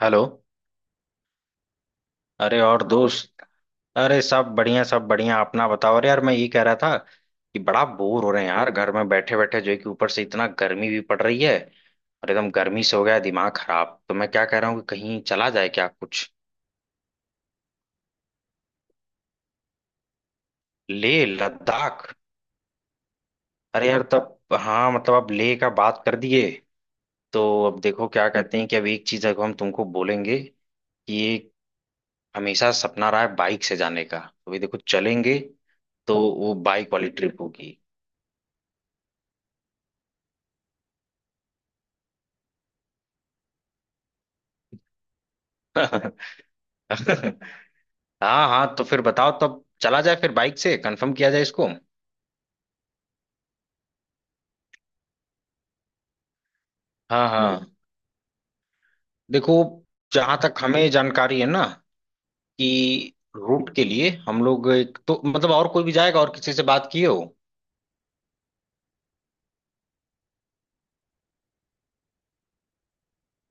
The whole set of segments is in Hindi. हेलो। अरे और दोस्त। अरे सब बढ़िया सब बढ़िया, अपना बताओ। अरे यार, मैं ये कह रहा था कि बड़ा बोर हो रहे हैं यार, घर में बैठे बैठे जो है कि ऊपर से इतना गर्मी भी पड़ रही है। और एकदम गर्मी से हो गया है दिमाग खराब, तो मैं क्या कह रहा हूँ कि कहीं चला जाए क्या कुछ, ले लद्दाख। अरे यार, तब हाँ मतलब अब ले का बात कर दिए। तो अब देखो क्या कहते हैं कि अब एक चीज अगर हम तुमको बोलेंगे कि ये हमेशा सपना रहा है बाइक से जाने का, तो ये देखो चलेंगे। तो वो बाइक वाली ट्रिप होगी। हाँ हाँ, तो फिर बताओ तब चला जाए फिर, बाइक से कंफर्म किया जाए इसको। हाँ हाँ देखो, जहां तक हमें जानकारी है ना कि रूट के लिए हम लोग एक तो मतलब, और कोई भी जाएगा और किसी से बात किए हो।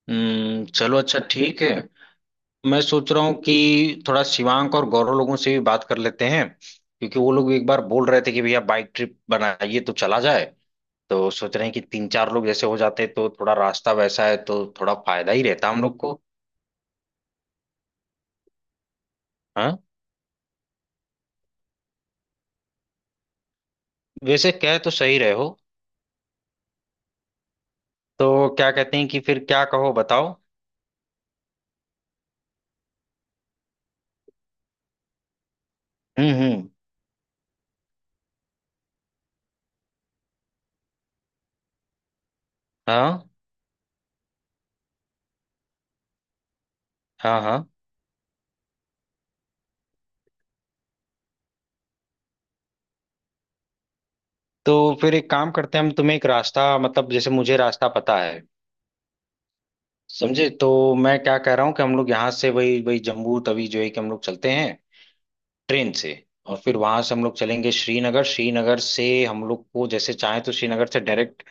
हम्म, चलो अच्छा ठीक है। मैं सोच रहा हूँ कि थोड़ा शिवांक और गौरव लोगों से भी बात कर लेते हैं क्योंकि वो लोग एक बार बोल रहे थे कि भैया बाइक ट्रिप बनाइए तो चला जाए। तो सोच रहे हैं कि तीन चार लोग जैसे हो जाते तो थोड़ा रास्ता वैसा है तो थोड़ा फायदा ही रहता हम लोग को। हाँ? वैसे कह तो सही रहे हो। तो क्या कहते हैं कि फिर क्या कहो बताओ। हम्म। हाँ हाँ हाँ। तो फिर एक काम करते हैं, हम तुम्हें एक रास्ता मतलब जैसे मुझे रास्ता पता है। समझे? तो मैं क्या कह रहा हूँ कि हम लोग यहाँ से वही वही जम्मू तवी जो है कि हम लोग चलते हैं ट्रेन से। और फिर वहां से हम लोग चलेंगे श्रीनगर, श्रीनगर से हम लोग को जैसे चाहे तो श्रीनगर से डायरेक्ट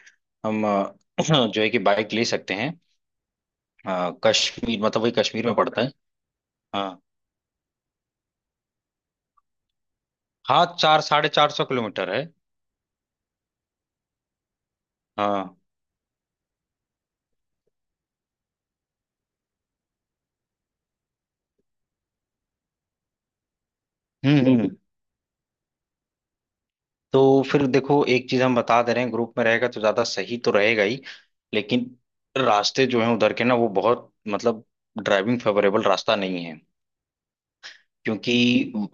हम जो है कि बाइक ले सकते हैं। कश्मीर मतलब वही कश्मीर में पड़ता है। हाँ हाँ, चार 450 किलोमीटर है। हाँ, हम्म हम्म। तो फिर देखो एक चीज हम बता दे रहे हैं, ग्रुप में रहेगा तो ज्यादा सही तो रहेगा ही, लेकिन रास्ते जो हैं उधर के ना वो बहुत मतलब ड्राइविंग फेवरेबल रास्ता नहीं है। क्योंकि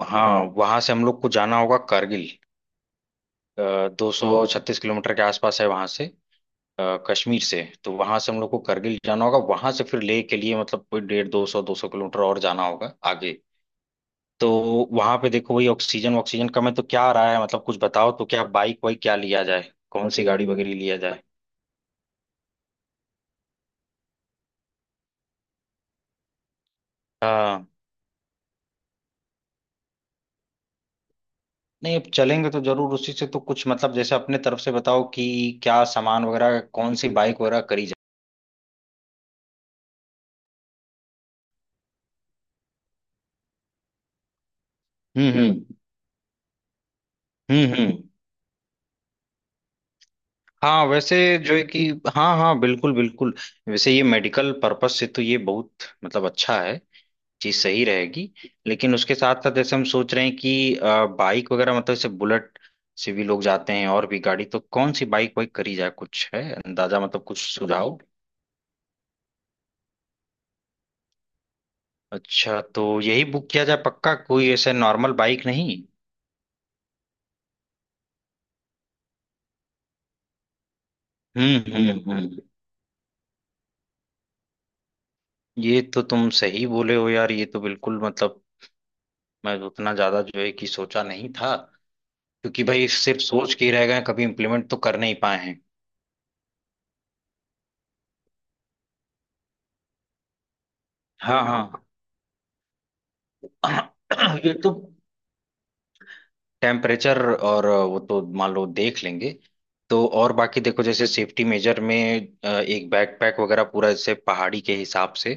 हाँ, वहां से हम लोग को जाना होगा कारगिल। 236 किलोमीटर के आसपास है वहां से, कश्मीर से, तो वहां से हम लोग को कारगिल जाना होगा, वहां से फिर लेह के लिए मतलब कोई डेढ़ दो सौ किलोमीटर और जाना होगा आगे। तो वहां पे देखो वही ऑक्सीजन ऑक्सीजन कम है, तो क्या आ रहा है मतलब, कुछ बताओ तो क्या बाइक वाइक क्या लिया जाए, कौन सी गाड़ी वगैरह लिया जाए। हाँ, नहीं अब चलेंगे तो जरूर उसी से, तो कुछ मतलब जैसे अपने तरफ से बताओ कि क्या सामान वगैरह कौन सी बाइक वगैरह करी जाए। हम्म। हम्म हम्म। हाँ वैसे जो है कि, हाँ हाँ बिल्कुल बिल्कुल। वैसे ये मेडिकल पर्पस से तो ये बहुत मतलब अच्छा है, चीज सही रहेगी। लेकिन उसके साथ साथ जैसे हम सोच रहे हैं कि बाइक वगैरह मतलब जैसे बुलेट से भी लोग जाते हैं और भी गाड़ी, तो कौन सी बाइक वाइक करी जाए, कुछ है अंदाजा मतलब कुछ सुझाव। अच्छा, तो यही बुक किया जाए पक्का, कोई ऐसे नॉर्मल बाइक नहीं। हम्म। ये तो तुम सही बोले हो यार, ये तो बिल्कुल मतलब मैं उतना ज्यादा जो है कि सोचा नहीं था। क्योंकि भाई सिर्फ सोच के ही रह गए, कभी इम्प्लीमेंट तो कर नहीं पाए हैं। हाँ हाँ। ये तो टेम्परेचर और वो तो मान लो देख लेंगे। तो और बाकी देखो जैसे सेफ्टी मेजर में एक बैकपैक वगैरह पूरा जैसे पहाड़ी के हिसाब से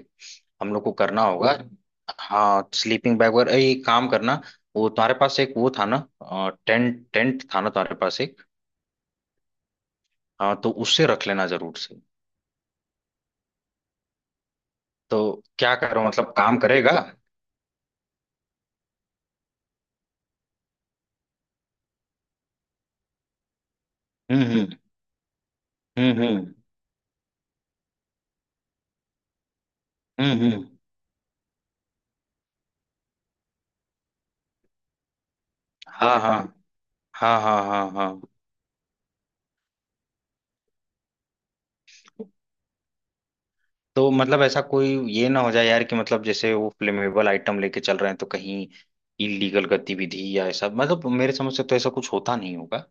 हम लोग को करना होगा। हाँ स्लीपिंग बैग वगैरह ये काम करना, वो तुम्हारे पास एक वो था ना, टेंट टेंट था ना तुम्हारे पास एक। हाँ तो उससे रख लेना जरूर से। तो क्या करो मतलब काम करेगा। हम्म हम्म हम्म हम्म हम्म हम्म। हाँ हाँ हाँ हाँ हाँ हाँ। तो मतलब ऐसा कोई ये ना हो जाए यार कि मतलब जैसे वो फ्लेमेबल आइटम लेके चल रहे हैं तो कहीं इलीगल गतिविधि या ऐसा मतलब, मेरे समझ से तो ऐसा कुछ होता नहीं होगा।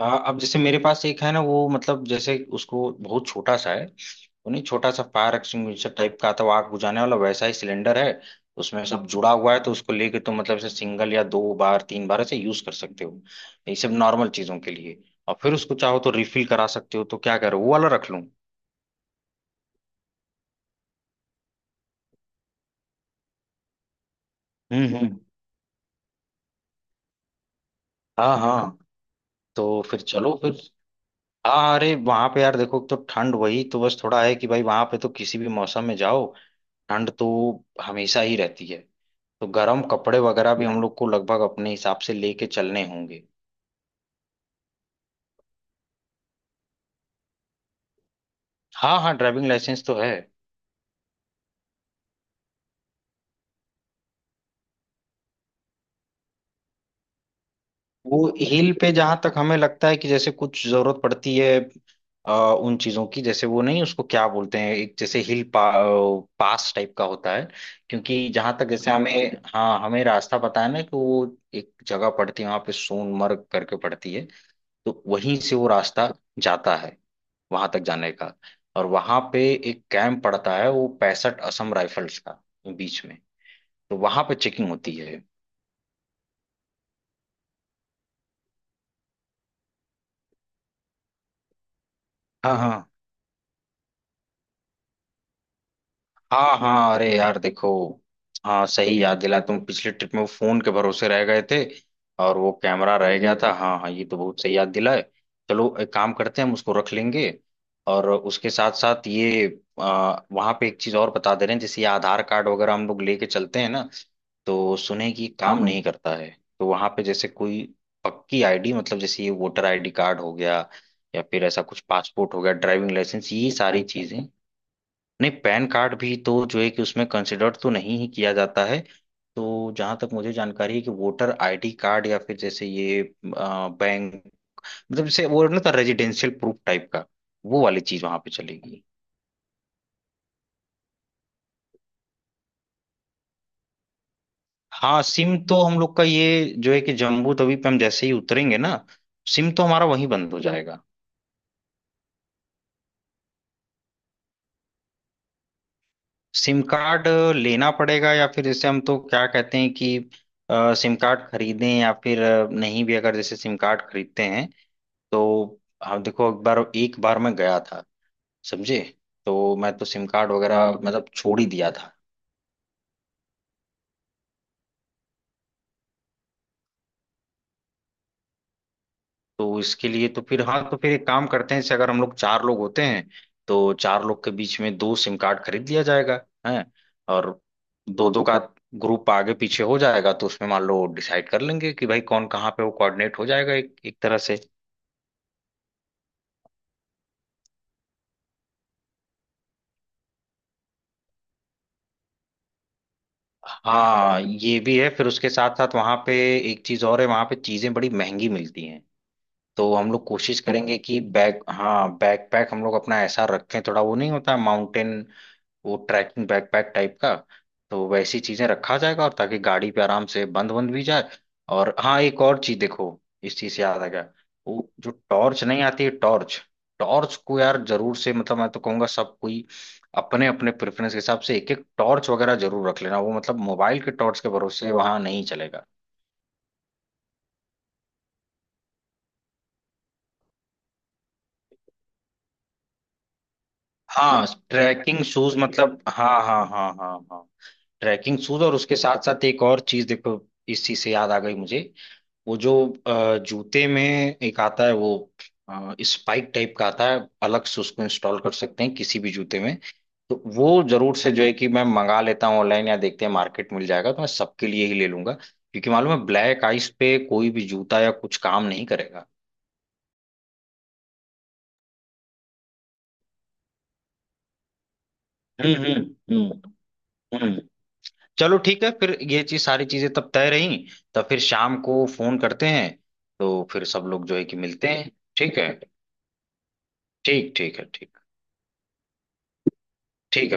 अब जैसे मेरे पास एक है ना, वो मतलब जैसे उसको, बहुत छोटा सा है, वो नहीं, छोटा सा फायर एक्सटिंग्विशर टाइप का आता है, वो आग बुझाने वाला वैसा ही सिलेंडर है। उसमें सब जुड़ा हुआ है तो उसको लेके तो मतलब ऐसे सिंगल या दो बार तीन बार ऐसे यूज कर सकते हो, ये सब नॉर्मल चीजों के लिए। और फिर उसको चाहो तो रिफिल करा सकते हो, तो क्या करो वो वाला रख लूं। हम्म। हाँ हाँ। तो फिर चलो फिर, हाँ अरे वहां पे यार देखो, तो ठंड वही तो बस थोड़ा है कि भाई वहां पे तो किसी भी मौसम में जाओ, ठंड तो हमेशा ही रहती है। तो गर्म कपड़े वगैरह भी हम लोग को लगभग अपने हिसाब से लेके चलने होंगे। हाँ हाँ, ड्राइविंग लाइसेंस तो है। वो हिल पे जहां तक हमें लगता है कि जैसे कुछ जरूरत पड़ती है उन चीजों की, जैसे वो नहीं उसको क्या बोलते हैं, एक जैसे हिल पास टाइप का होता है। क्योंकि जहां तक जैसे हमें, हाँ हमें रास्ता पता है ना कि वो एक जगह पड़ती है वहां पे सोनमर्ग करके पड़ती है। तो वहीं से वो रास्ता जाता है वहां तक जाने का। और वहां पे एक कैंप पड़ता है वो 65 असम राइफल्स का, बीच में। तो वहां पे चेकिंग होती है। हाँ हाँ हाँ हाँ। अरे यार देखो, हाँ सही याद दिला, तुम पिछले ट्रिप में वो फोन के भरोसे रह गए थे, और वो कैमरा रह गया था। हाँ हाँ, ये तो बहुत सही याद दिलाए। चलो एक काम करते हैं, हम उसको रख लेंगे। और उसके साथ साथ ये वहाँ पे एक चीज और बता दे रहे हैं, जैसे ये आधार कार्ड वगैरह हम लोग लेके चलते हैं ना, तो सुने कि हाँ काम, हाँ नहीं करता है। तो वहाँ पे जैसे कोई पक्की आईडी मतलब जैसे ये वोटर आईडी कार्ड हो गया, या फिर ऐसा कुछ पासपोर्ट हो गया, ड्राइविंग लाइसेंस, ये सारी चीजें। नहीं, पैन कार्ड भी तो जो है कि उसमें कंसिडर तो नहीं ही किया जाता है। तो जहां तक मुझे जानकारी है कि वोटर आईडी कार्ड, या फिर जैसे ये बैंक मतलब जैसे वो ना था रेजिडेंशियल प्रूफ टाइप का, वो वाली चीज वहां पे चलेगी। हाँ, सिम तो हम लोग का ये जो है कि जम्बू तवी पे हम जैसे ही उतरेंगे ना, सिम तो हमारा वहीं बंद हो जाएगा। सिम कार्ड लेना पड़ेगा, या फिर जैसे हम तो क्या कहते हैं कि सिम कार्ड खरीदें, या फिर नहीं भी, अगर जैसे सिम कार्ड खरीदते हैं तो, हाँ देखो, एक बार मैं गया था। समझे? तो मैं तो सिम कार्ड वगैरह मतलब छोड़ ही दिया था। तो इसके लिए तो फिर, हाँ तो फिर एक काम करते हैं, जैसे अगर हम लोग चार लोग होते हैं तो चार लोग के बीच में दो सिम कार्ड खरीद लिया जाएगा, है। और दो दो का ग्रुप आगे पीछे हो जाएगा, तो उसमें मान लो डिसाइड कर लेंगे कि भाई कौन कहाँ पे वो, कोऑर्डिनेट हो जाएगा एक, एक तरह से। हाँ ये भी है, फिर उसके साथ साथ वहां पे एक चीज और है, वहां पे चीजें बड़ी महंगी मिलती हैं। तो हम लोग कोशिश करेंगे कि बैग, हाँ बैकपैक हम लोग अपना ऐसा रखें, थोड़ा वो नहीं होता माउंटेन, वो ट्रैकिंग बैकपैक टाइप का। तो वैसी चीजें रखा जाएगा, और ताकि गाड़ी पे आराम से बंद बंद भी जाए। और हाँ एक और चीज देखो, इस चीज से याद आ गया, वो जो टॉर्च नहीं आती है टॉर्च, टॉर्च को यार जरूर से मतलब मैं तो कहूंगा सब कोई अपने अपने प्रेफरेंस के हिसाब से एक एक टॉर्च वगैरह जरूर रख लेना, वो मतलब मोबाइल के टॉर्च के भरोसे वहां नहीं चलेगा। हाँ ट्रैकिंग शूज मतलब, हाँ हाँ हाँ हाँ हाँ। ट्रैकिंग शूज और उसके साथ साथ एक और चीज देखो, इस चीज से याद आ गई मुझे, वो जो जूते में एक आता है, वो स्पाइक टाइप का आता है अलग से, उसको इंस्टॉल कर सकते हैं किसी भी जूते में। तो वो जरूर से जो है कि मैं मंगा लेता हूँ ऑनलाइन, या देखते हैं मार्केट मिल जाएगा, तो मैं सबके लिए ही ले लूंगा क्योंकि मालूम है ब्लैक आइस पे कोई भी जूता या कुछ काम नहीं करेगा। हम्म हम्म हम्म हम्म। चलो ठीक है फिर, ये चीज सारी चीजें तब तय रही। तो फिर शाम को फोन करते हैं, तो फिर सब लोग जो है कि मिलते हैं। ठीक है, ठीक ठीक है, ठीक ठीक।